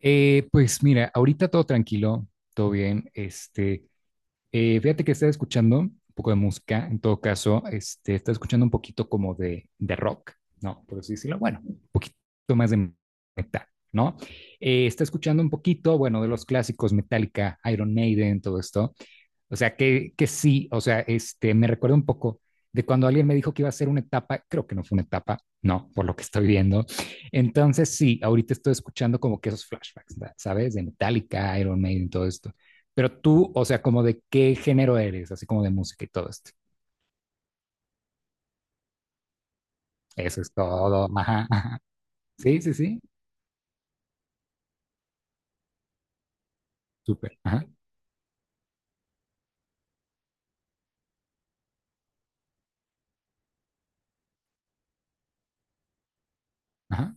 Pues mira, ahorita todo tranquilo, todo bien. Fíjate que estaba escuchando un poco de música, en todo caso, estaba escuchando un poquito como de, rock, ¿no? Por así decirlo, bueno, un poquito más de, ¿no? Está escuchando un poquito, bueno, de los clásicos, Metallica, Iron Maiden, todo esto. O sea, que sí, o sea, me recuerda un poco de cuando alguien me dijo que iba a ser una etapa, creo que no fue una etapa, no, por lo que estoy viendo. Entonces, sí, ahorita estoy escuchando como que esos flashbacks, ¿sabes? De Metallica, Iron Maiden, todo esto. Pero tú, o sea, como de qué género eres, así como de música y todo esto. Eso es todo. Ajá, ajá. Sí, sí, sí. Súper. Ajá, ajá.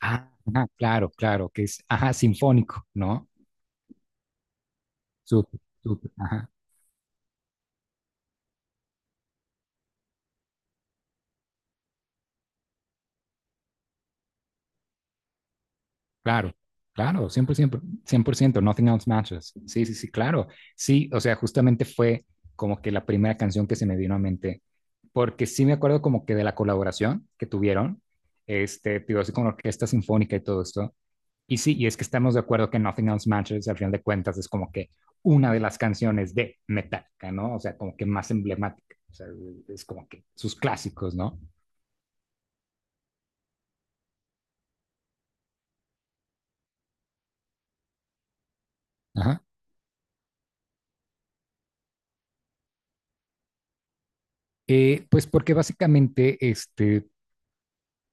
Ah, ajá, claro, claro, que es, ajá, sinfónico, ¿no? Súper, súper. Ajá. Claro, claro, cien por ciento, 100%. Nothing Else Matches. Sí, sí, sí, claro. Sí, o sea, justamente fue como que la primera canción que se me vino a mente, porque sí me acuerdo como que de la colaboración que tuvieron, digo, así con la orquesta sinfónica y todo esto. Y sí, y es que estamos de acuerdo que Nothing Else Matches, al final de cuentas, es como que una de las canciones de Metallica, ¿no? O sea, como que más emblemática. O sea, es como que sus clásicos, ¿no? Ajá. Pues porque básicamente,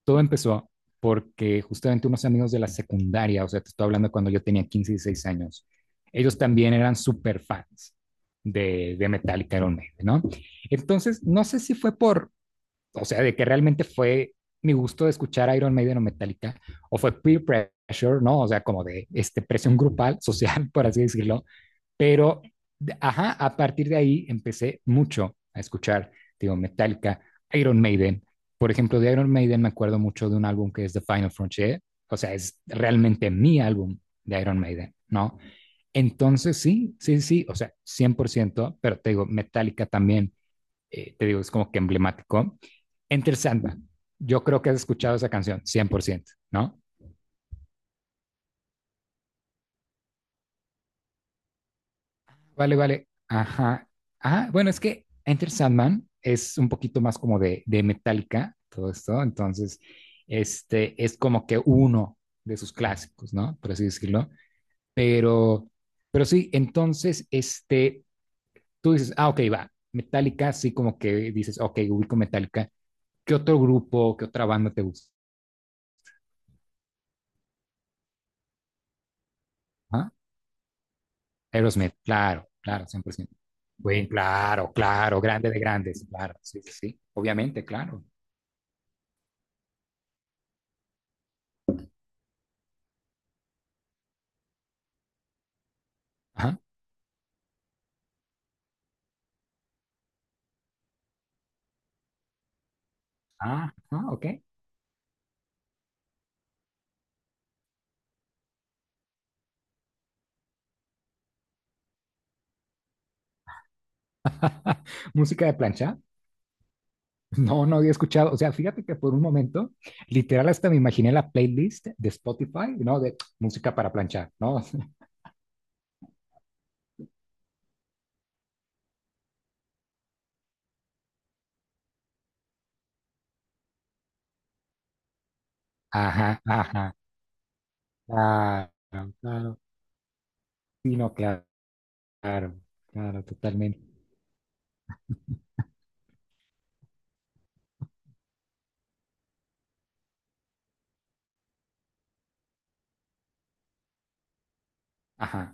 todo empezó porque justamente unos amigos de la secundaria, o sea, te estoy hablando cuando yo tenía 15 y 16 años, ellos también eran súper fans de, Metallica Iron Maiden, ¿no? Entonces, no sé si fue por, o sea, de que realmente fue mi gusto de escuchar Iron Maiden o Metallica, o fue peer pressure, ¿no? O sea, como de este presión grupal, social, por así decirlo, pero, ajá, a partir de ahí empecé mucho a escuchar, digo, Metallica, Iron Maiden. Por ejemplo, de Iron Maiden me acuerdo mucho de un álbum que es The Final Frontier. O sea, es realmente mi álbum de Iron Maiden, ¿no? Entonces, sí, sí, sí, o sea, 100%, pero te digo, Metallica también, te digo, es como que emblemático. Enter Sandman, yo creo que has escuchado esa canción, 100%, ¿no? Vale, vale. Ajá. Ah, bueno, es que Enter Sandman es un poquito más como de, Metallica, todo esto. Entonces, este es como que uno de sus clásicos, ¿no? Por así decirlo. Pero, pero sí, entonces, tú dices, ah, ok, va. Metallica, sí, como que dices, ok, ubico Metallica. ¿Qué otro grupo, qué otra banda te gusta? Ah, Aerosmith, claro, claro, 100%. Bueno, claro, claro, grande de grandes, claro, sí, sí, sí, obviamente, claro. Ah, ah, ok. Música de plancha. No, no había escuchado. O sea, fíjate que por un momento, literal, hasta me imaginé la playlist de Spotify, ¿no? De música para planchar, ¿no? Ajá, ajá. Claro, claro. Sí, no, claro, claro, claro, totalmente. Ajá.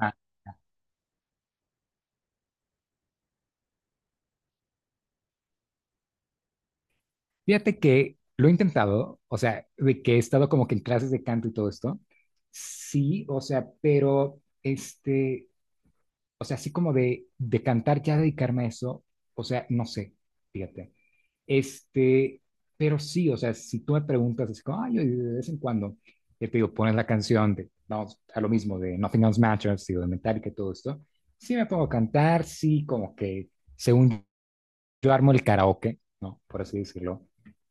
Ah. Fíjate que lo he intentado, o sea, de que he estado como que en clases de canto y todo esto. Sí, o sea, pero o sea, así como de, cantar, ya dedicarme a eso, o sea, no sé, fíjate. Este, pero sí, o sea, si tú me preguntas, es como, ay, yo de vez en cuando, te digo, pones la canción de, vamos, a lo mismo, de Nothing Else Matters, digo, de Metallica y todo esto, sí me pongo a cantar, sí, como que, según yo armo el karaoke, ¿no? Por así decirlo.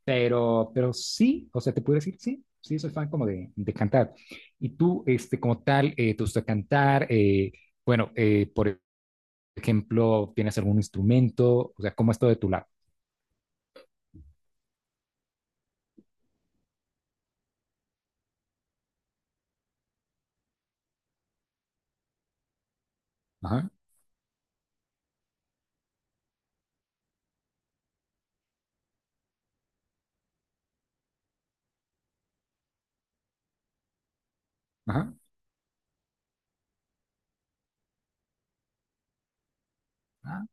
Pero sí, o sea, te puedo decir, sí, sí, soy fan como de, cantar. Y tú, como tal, te gusta cantar, bueno, por ejemplo, tienes algún instrumento, o sea, cómo es todo de tu lado. Ajá, ajá. Ah,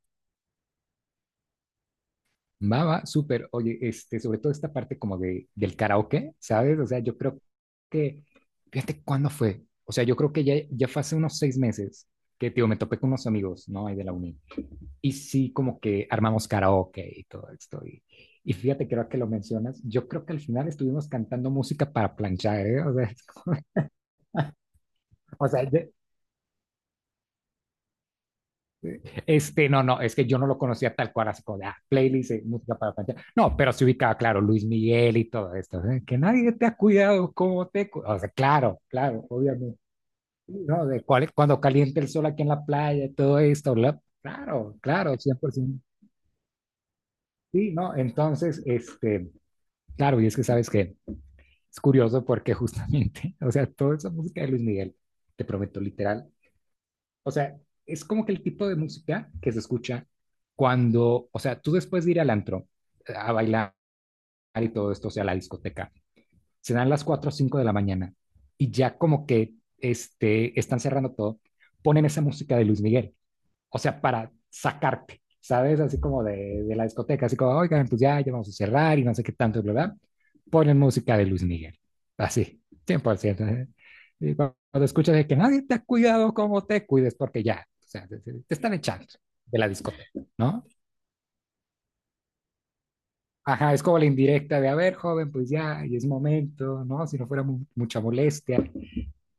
va, va, súper. Oye, sobre todo esta parte como de, del karaoke, ¿sabes? O sea, yo creo que, fíjate cuándo fue. O sea, yo creo que ya, ya fue hace unos 6 meses que, tío, me topé con unos amigos, ¿no? Ahí de la uni. Y sí, como que armamos karaoke y todo esto. Y fíjate, creo que lo mencionas. Yo creo que al final estuvimos cantando música para planchar, ¿eh? O sea, o sea, ya- no, no, es que yo no lo conocía tal cual, así como de ah, playlist, música para planchar. No, pero se ubicaba, claro, Luis Miguel y todo esto. ¿Eh? Que nadie te ha cuidado como te. O sea, claro, claro, obviamente. Sí, ¿no? De cuál, cuando calienta el sol aquí en la playa, todo esto, claro, claro, 100%. Sí, ¿no? Entonces, claro, y es que sabes que es curioso porque justamente, o sea, toda esa música de Luis Miguel, te prometo, literal, o sea, es como que el tipo de música que se escucha cuando, o sea, tú después de ir al antro a bailar y todo esto, o sea, a la discoteca, se dan las 4 o 5 de la mañana y ya como que están cerrando todo, ponen esa música de Luis Miguel, o sea, para sacarte, ¿sabes? Así como de, la discoteca, así como, oigan, pues ya, ya vamos a cerrar y no sé qué tanto, ¿verdad? Ponen música de Luis Miguel, así, 100%. Y cuando escuchas de que nadie te ha cuidado como te cuides, porque ya, o sea, te están echando de la discoteca, ¿no? Ajá, es como la indirecta de, a ver, joven, pues ya, y es momento, ¿no? Si no fuera mucha molestia,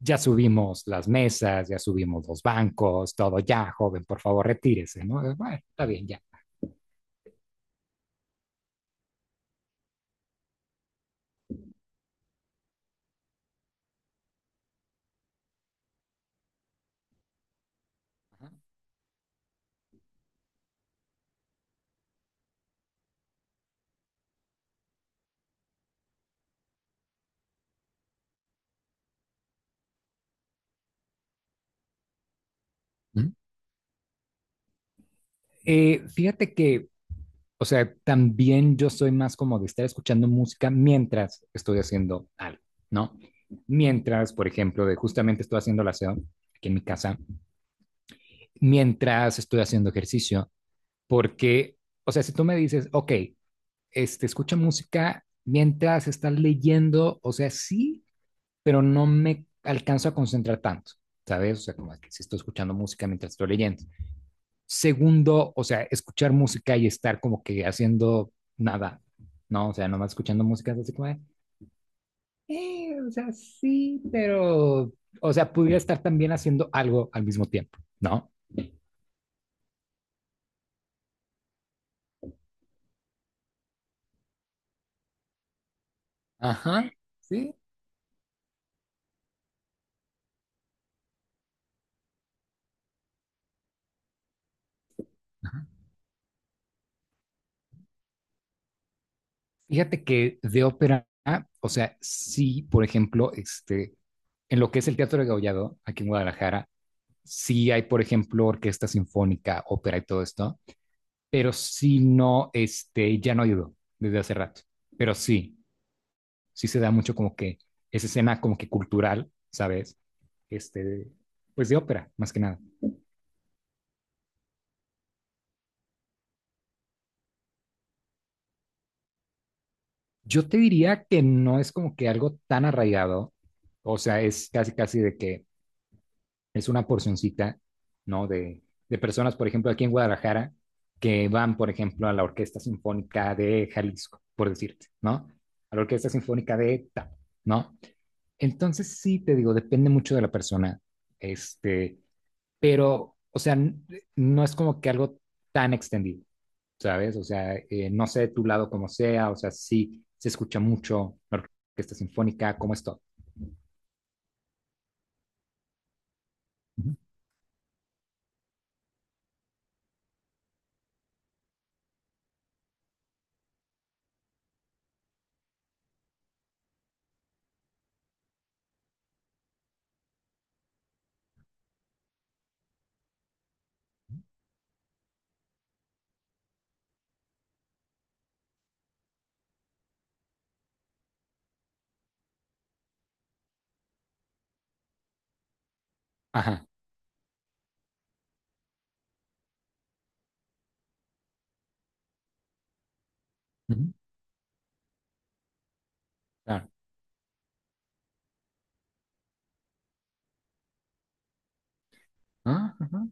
ya subimos las mesas, ya subimos los bancos, todo, ya, joven, por favor, retírese, ¿no? Bueno, está bien, ya. Ajá. ¿Mm? Fíjate que, o sea, también yo soy más como de estar escuchando música mientras estoy haciendo algo, ¿no? Mientras, por ejemplo, de justamente estoy haciendo la aseo aquí en mi casa, mientras estoy haciendo ejercicio, porque, o sea, si tú me dices, ok, escucha música mientras estás leyendo, o sea, sí, pero no me alcanzo a concentrar tanto, ¿sabes? O sea, como que si estoy escuchando música mientras estoy leyendo. Segundo, o sea, escuchar música y estar como que haciendo nada, ¿no? O sea, nomás escuchando música es así como, de, o sea, sí, pero, o sea, pudiera estar también haciendo algo al mismo tiempo, ¿no? Ajá, sí. Ajá. Fíjate que de ópera, o sea, sí, por ejemplo, en lo que es el Teatro de Gaullado, aquí en Guadalajara, sí hay, por ejemplo, orquesta sinfónica, ópera y todo esto, pero sí no, ya no ayudó desde hace rato, pero sí, sí se da mucho como que esa escena como que cultural, ¿sabes? Este, pues de ópera, más que nada. Yo te diría que no es como que algo tan arraigado, o sea, es casi, casi de que es una porcioncita, ¿no? De, personas, por ejemplo, aquí en Guadalajara, que van, por ejemplo, a la Orquesta Sinfónica de Jalisco, por decirte, ¿no? A la Orquesta Sinfónica de tal, ¿no? Entonces, sí, te digo, depende mucho de la persona, este, pero, o sea, no es como que algo tan extendido, ¿sabes? O sea, no sé de tu lado cómo sea, o sea, sí se escucha mucho la orquesta sinfónica, ¿cómo es todo? Ujú. Ajá, ujú, claro. Ah, ajá.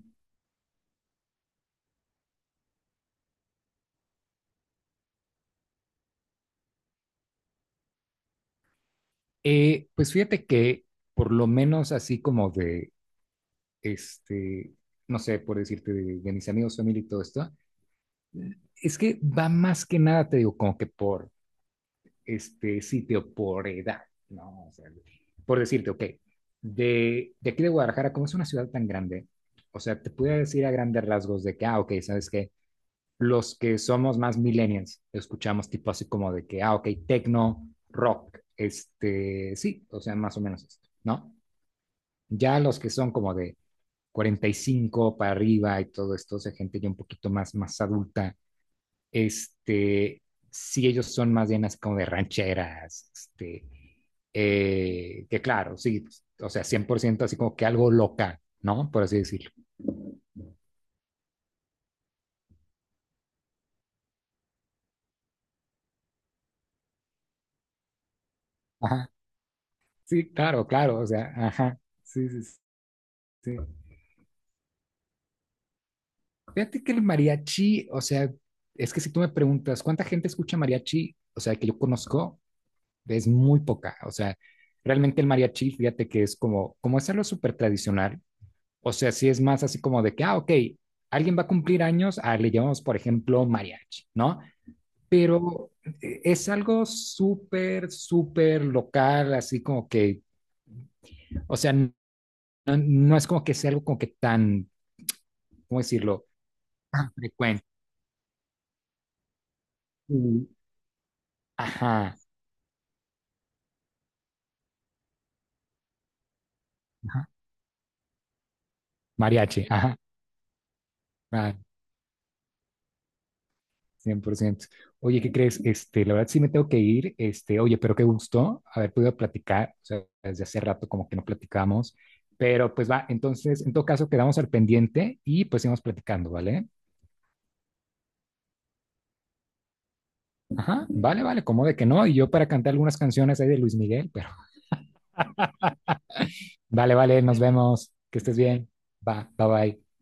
Pues fíjate que por lo menos así como de, este, no sé, por decirte, de, mis amigos, familia y todo esto, eh, es que va más que nada, te digo, como que por este sitio por edad, ¿no? O sea, por decirte, ok, de, aquí de Guadalajara, como es una ciudad tan grande, o sea, te puedo decir a grandes rasgos de que, ah, ok, ¿sabes qué? Los que somos más millennials, escuchamos tipo así como de que, ah, ok, techno, rock, sí, o sea, más o menos esto, ¿no? Ya los que son como de 45 para arriba y todo esto, o sea, gente ya un poquito más, más adulta, este, sí, ellos son más bien así como de rancheras, que claro, sí, pues, o sea, 100% así como que algo local, ¿no? Por así decirlo. Ajá, sí, claro, claro, o sea, ajá, sí, sí, sí. Fíjate que el mariachi, o sea, es que si tú me preguntas, ¿cuánta gente escucha mariachi? O sea, que yo conozco, es muy poca, o sea, realmente el mariachi, fíjate que es como, como es algo súper tradicional. O sea, sí es más así como de que, ah, ok, alguien va a cumplir años, ah, le llamamos, por ejemplo, mariachi, ¿no? Pero es algo súper, súper local, así como que, o sea, no, no es como que sea algo como que tan, ¿cómo decirlo? Tan frecuente. Sí, ajá, ajá, mariachi, ajá. Ah, 100%. Oye, ¿qué crees? La verdad sí me tengo que ir. Oye, pero qué gusto haber podido platicar. O sea, desde hace rato como que no platicamos. Pero pues va, entonces, en todo caso, quedamos al pendiente y pues seguimos platicando, ¿vale? Ajá, vale, vale, como de que no. Y yo para cantar algunas canciones ahí de Luis Miguel, pero vale, vale, nos vemos. Que estés bien. Va, bye bye.